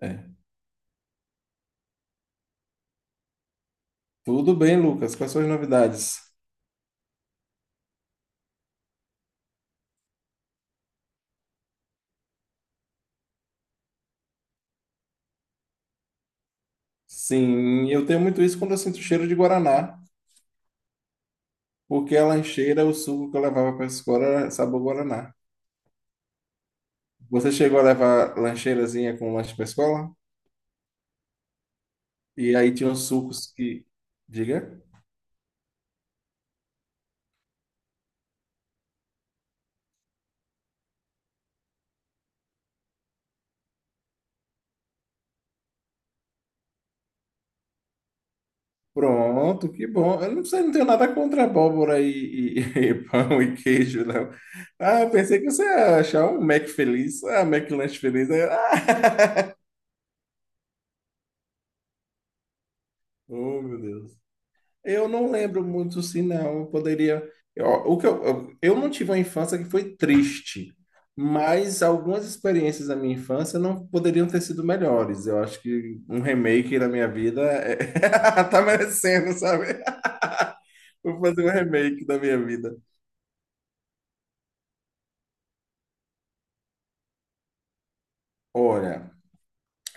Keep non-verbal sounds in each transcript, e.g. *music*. É. Tudo bem, Lucas. Quais são as novidades? Sim, eu tenho muito isso quando eu sinto cheiro de guaraná, porque a lancheira, o suco que eu levava para a escola era sabor guaraná. Você chegou a levar lancheirazinha com lanche para a escola? E aí tinha uns sucos que. Diga? Pronto, que bom. Eu não sei, não tenho nada contra abóbora *laughs* e pão e queijo, não. Ah, eu pensei que você ia achar um Mac feliz. Ah, Mac lanche feliz. Ah, *laughs* Oh, meu Deus. Eu não lembro muito se não, eu poderia. Eu, o que eu não tive uma infância que foi triste, mas algumas experiências da minha infância não poderiam ter sido melhores. Eu acho que um remake da minha vida *laughs* tá merecendo, sabe? *laughs* Vou fazer um remake da minha vida. Olha.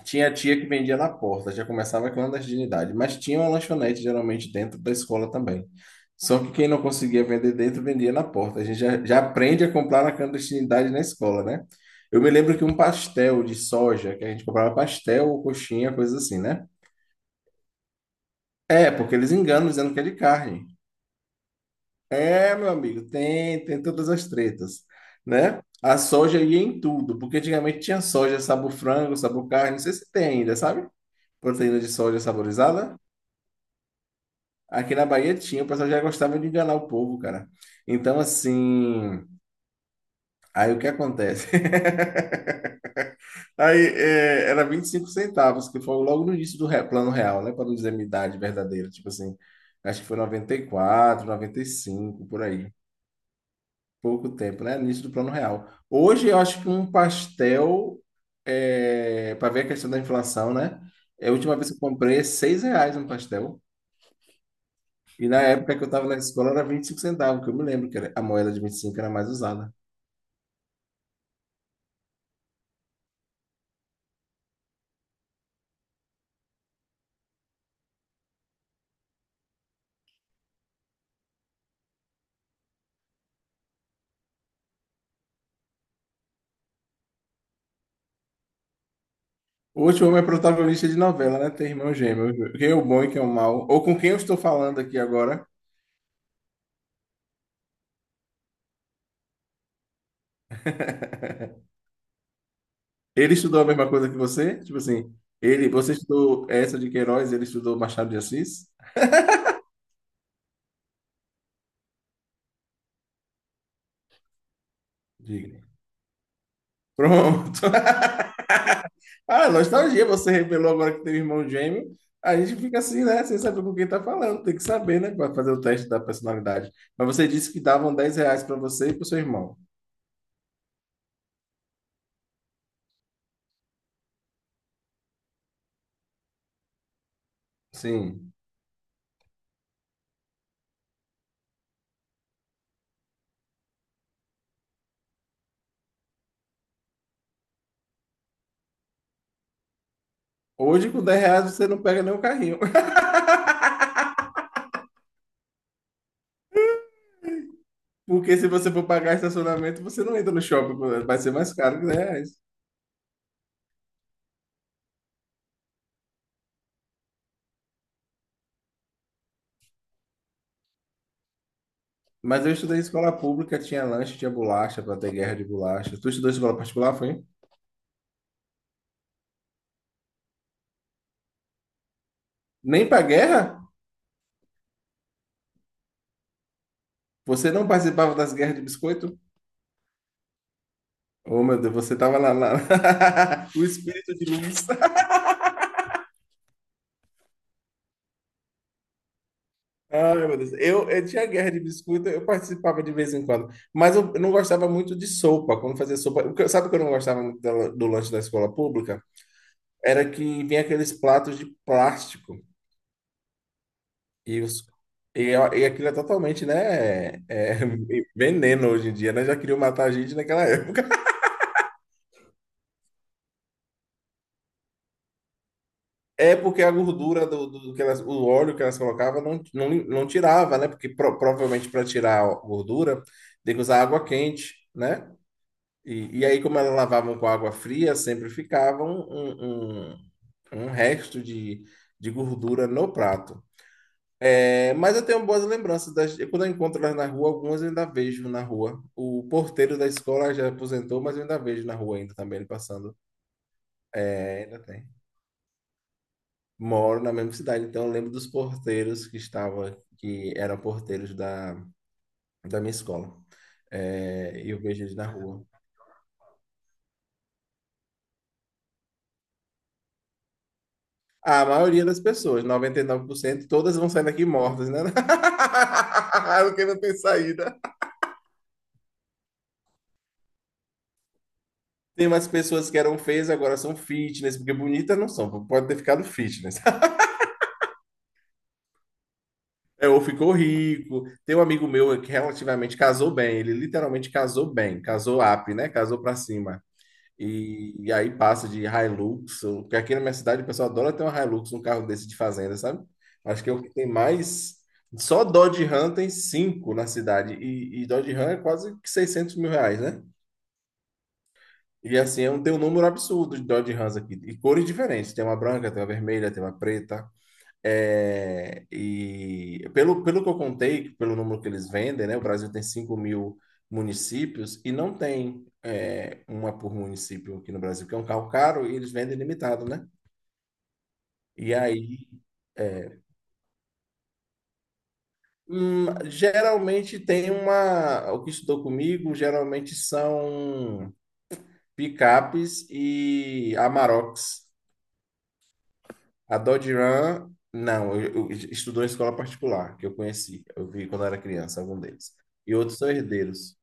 Tinha tia que vendia na porta, já começava a clandestinidade, mas tinha uma lanchonete geralmente dentro da escola também. Só que quem não conseguia vender dentro, vendia na porta. A gente já aprende a comprar na clandestinidade na escola, né? Eu me lembro que um pastel de soja, que a gente comprava pastel ou coxinha, coisa assim, né? É, porque eles enganam dizendo que é de carne. É, meu amigo, tem todas as tretas, né? A soja ia em tudo, porque antigamente tinha soja sabor frango, sabor carne, não sei se tem ainda, sabe? Proteína de soja saborizada. Aqui na Bahia tinha, o pessoal já gostava de enganar o povo, cara. Então, assim, aí o que acontece? *laughs* Aí era 25 centavos, que foi logo no início do plano real, né? Para não dizer minha idade verdadeira, tipo assim, acho que foi noventa e quatro, 95, por aí. Pouco tempo, né? No início do plano real. Hoje eu acho que um pastel, para ver a questão da inflação, né? É, a última vez que eu comprei é R$ 6 um pastel. E na época que eu estava na escola era 25 centavos, que eu me lembro que a moeda de 25 era mais usada. Hoje o homem é protagonista de novela, né? Tem irmão gêmeo. Quem é o bom e quem é o mal? Ou com quem eu estou falando aqui agora? Ele estudou a mesma coisa que você? Tipo assim, você estudou essa de Queiroz, ele estudou Machado de Assis? Diga. Pronto. *laughs* Ah, nostalgia, você revelou agora que tem irmão gêmeo. A gente fica assim, né? Sem saber com quem tá falando. Tem que saber, né? Para fazer o teste da personalidade. Mas você disse que davam R$ 10 para você e para o seu irmão. Sim. Hoje, com R$ 10, você não pega nenhum carrinho. *laughs* Porque se você for pagar estacionamento, você não entra no shopping. Vai ser mais caro que R$ 10. Mas eu estudei em escola pública, tinha lanche, tinha bolacha, para ter guerra de bolacha. Tu estudou em escola particular, foi? Nem pra guerra? Você não participava das guerras de biscoito? Oh, meu Deus, você tava lá, lá. *laughs* O espírito de luz. Ai, meu Deus. Eu tinha guerra de biscoito, eu participava de vez em quando. Mas eu não gostava muito de sopa, quando fazia sopa. Sabe o que eu não gostava muito do lanche da escola pública? Era que vinha aqueles platos de plástico e, os, e aquilo é totalmente, né, *laughs* veneno hoje em dia, né? Já queriam matar a gente naquela época. É porque a gordura do que elas, o óleo que elas colocavam não tirava, né? Porque provavelmente para tirar a gordura tem que usar água quente, né? E aí, como elas lavavam com água fria, sempre ficava um, um- um resto de gordura no prato. É, mas eu tenho boas lembranças. Quando eu encontro elas na rua, algumas eu ainda vejo na rua. O porteiro da escola já aposentou, mas eu ainda vejo na rua ainda também, ele passando. É, ainda tem. Moro na mesma cidade, então eu lembro dos porteiros que estavam, que eram porteiros da minha escola. É, e eu vejo eles na rua. A maioria das pessoas, 99%, todas vão sair daqui mortas, né? *laughs* Porque não tem saída. Tem umas pessoas que eram feias, agora são fitness, porque bonitas não são, pode ter ficado fitness. É, ou ficou rico. Tem um amigo meu que relativamente casou bem, ele literalmente casou bem, casou up, né? Casou pra cima. E aí passa de Hilux, porque aqui na minha cidade o pessoal adora ter um Hilux, um carro desse de fazenda, sabe? Acho que é o que tem mais. Só Dodge Ram tem cinco na cidade, e Dodge Ram é quase que 600 mil reais, né? E assim, tem um número absurdo de Dodge Rams aqui, e cores diferentes: tem uma branca, tem uma vermelha, tem uma preta. É, e pelo que eu contei, pelo número que eles vendem, né, o Brasil tem 5 mil municípios e não tem uma por município aqui no Brasil, que é um carro caro e eles vendem limitado, né? E aí, é, geralmente tem uma. O que estudou comigo geralmente são picapes e Amaroks. A Dodge Ram, não, eu estudou em escola particular, que eu conheci, eu vi quando era criança, algum deles. E outros são herdeiros.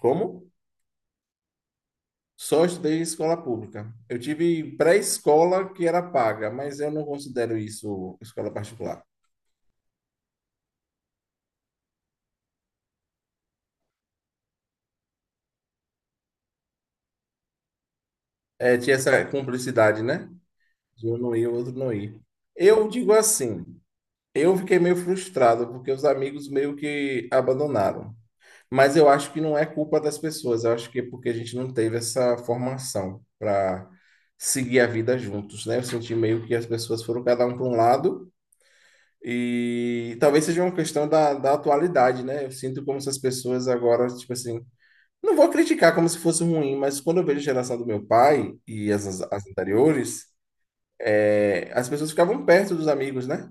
Como? Só estudei em escola pública. Eu tive pré-escola que era paga, mas eu não considero isso escola particular. É, tinha essa cumplicidade, né? De um não ir, o outro não ir. Eu digo assim, eu fiquei meio frustrado, porque os amigos meio que abandonaram. Mas eu acho que não é culpa das pessoas, eu acho que é porque a gente não teve essa formação para seguir a vida juntos, né? Eu senti meio que as pessoas foram cada um para um lado e talvez seja uma questão da atualidade, né? Eu sinto como se as pessoas agora, tipo assim, não vou criticar como se fosse ruim, mas quando eu vejo a geração do meu pai e as anteriores, as pessoas ficavam perto dos amigos, né?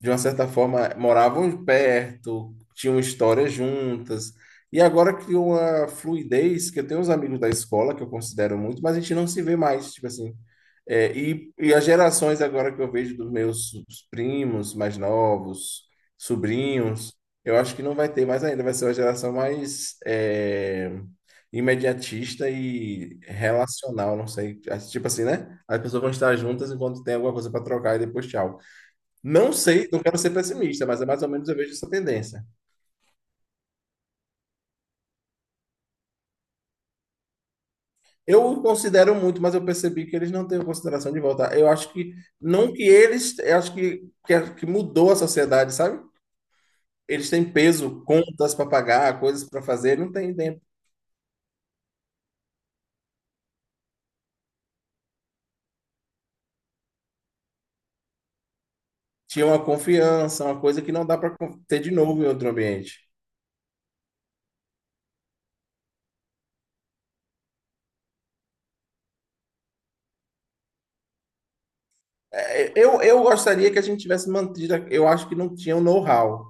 De uma certa forma, moravam perto, tinham histórias juntas. E agora criou uma fluidez que eu tenho uns amigos da escola que eu considero muito, mas a gente não se vê mais, tipo assim. É, e as gerações agora que eu vejo dos meus primos mais novos, sobrinhos, eu acho que não vai ter mais ainda, vai ser uma geração mais imediatista e relacional, não sei. Tipo assim, né? As pessoas vão estar juntas enquanto tem alguma coisa para trocar e depois tchau. Não sei, não quero ser pessimista, mas é mais ou menos eu vejo essa tendência. Eu considero muito, mas eu percebi que eles não têm consideração de voltar. Eu acho que, não que eles, eu acho que mudou a sociedade, sabe? Eles têm peso, contas para pagar, coisas para fazer, não tem tempo. Tinha uma confiança, uma coisa que não dá para ter de novo em outro ambiente. É, Eu gostaria que a gente tivesse mantido. Eu acho que não tinha o know-how.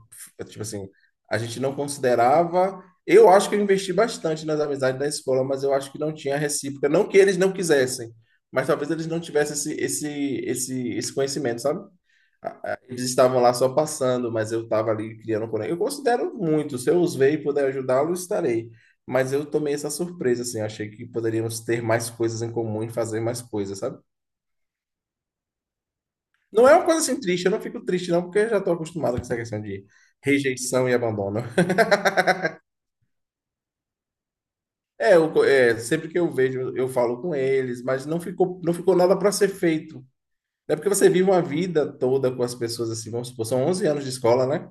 Tipo assim, a gente não considerava. Eu acho que eu investi bastante nas amizades da escola, mas eu acho que não tinha recíproca. Não que eles não quisessem, mas talvez eles não tivessem esse, esse conhecimento, sabe? Eles estavam lá só passando, mas eu estava ali criando um conexão. Eu considero muito. Se eu os ver e puder ajudá-lo, estarei. Mas eu tomei essa surpresa, assim. Eu achei que poderíamos ter mais coisas em comum e fazer mais coisas, sabe? Não é uma coisa assim triste, eu não fico triste não, porque eu já estou acostumado com essa questão de rejeição e abandono. É, sempre que eu vejo, eu falo com eles, mas não ficou nada para ser feito. É porque você vive uma vida toda com as pessoas assim, vamos supor, são 11 anos de escola, né?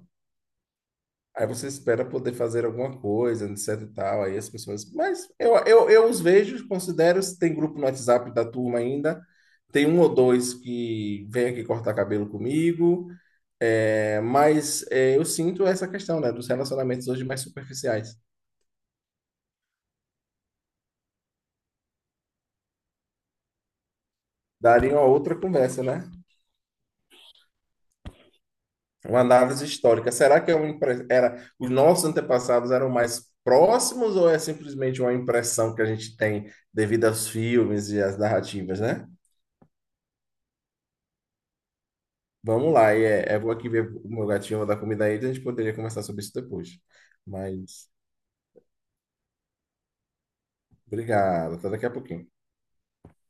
Aí você espera poder fazer alguma coisa, etc e tal, aí as pessoas... Mas eu os vejo, considero, se tem grupo no WhatsApp da turma ainda, tem um ou dois que vem aqui cortar cabelo comigo. É, mas eu sinto essa questão, né, dos relacionamentos hoje mais superficiais. Daria uma outra conversa, né? Uma análise histórica. Será que é uma era os nossos antepassados eram mais próximos ou é simplesmente uma impressão que a gente tem devido aos filmes e às narrativas, né? Vamos lá, vou aqui ver o meu gatinho vou dar comida a ele, a gente poderia conversar sobre isso depois. Mas obrigado, até daqui a pouquinho.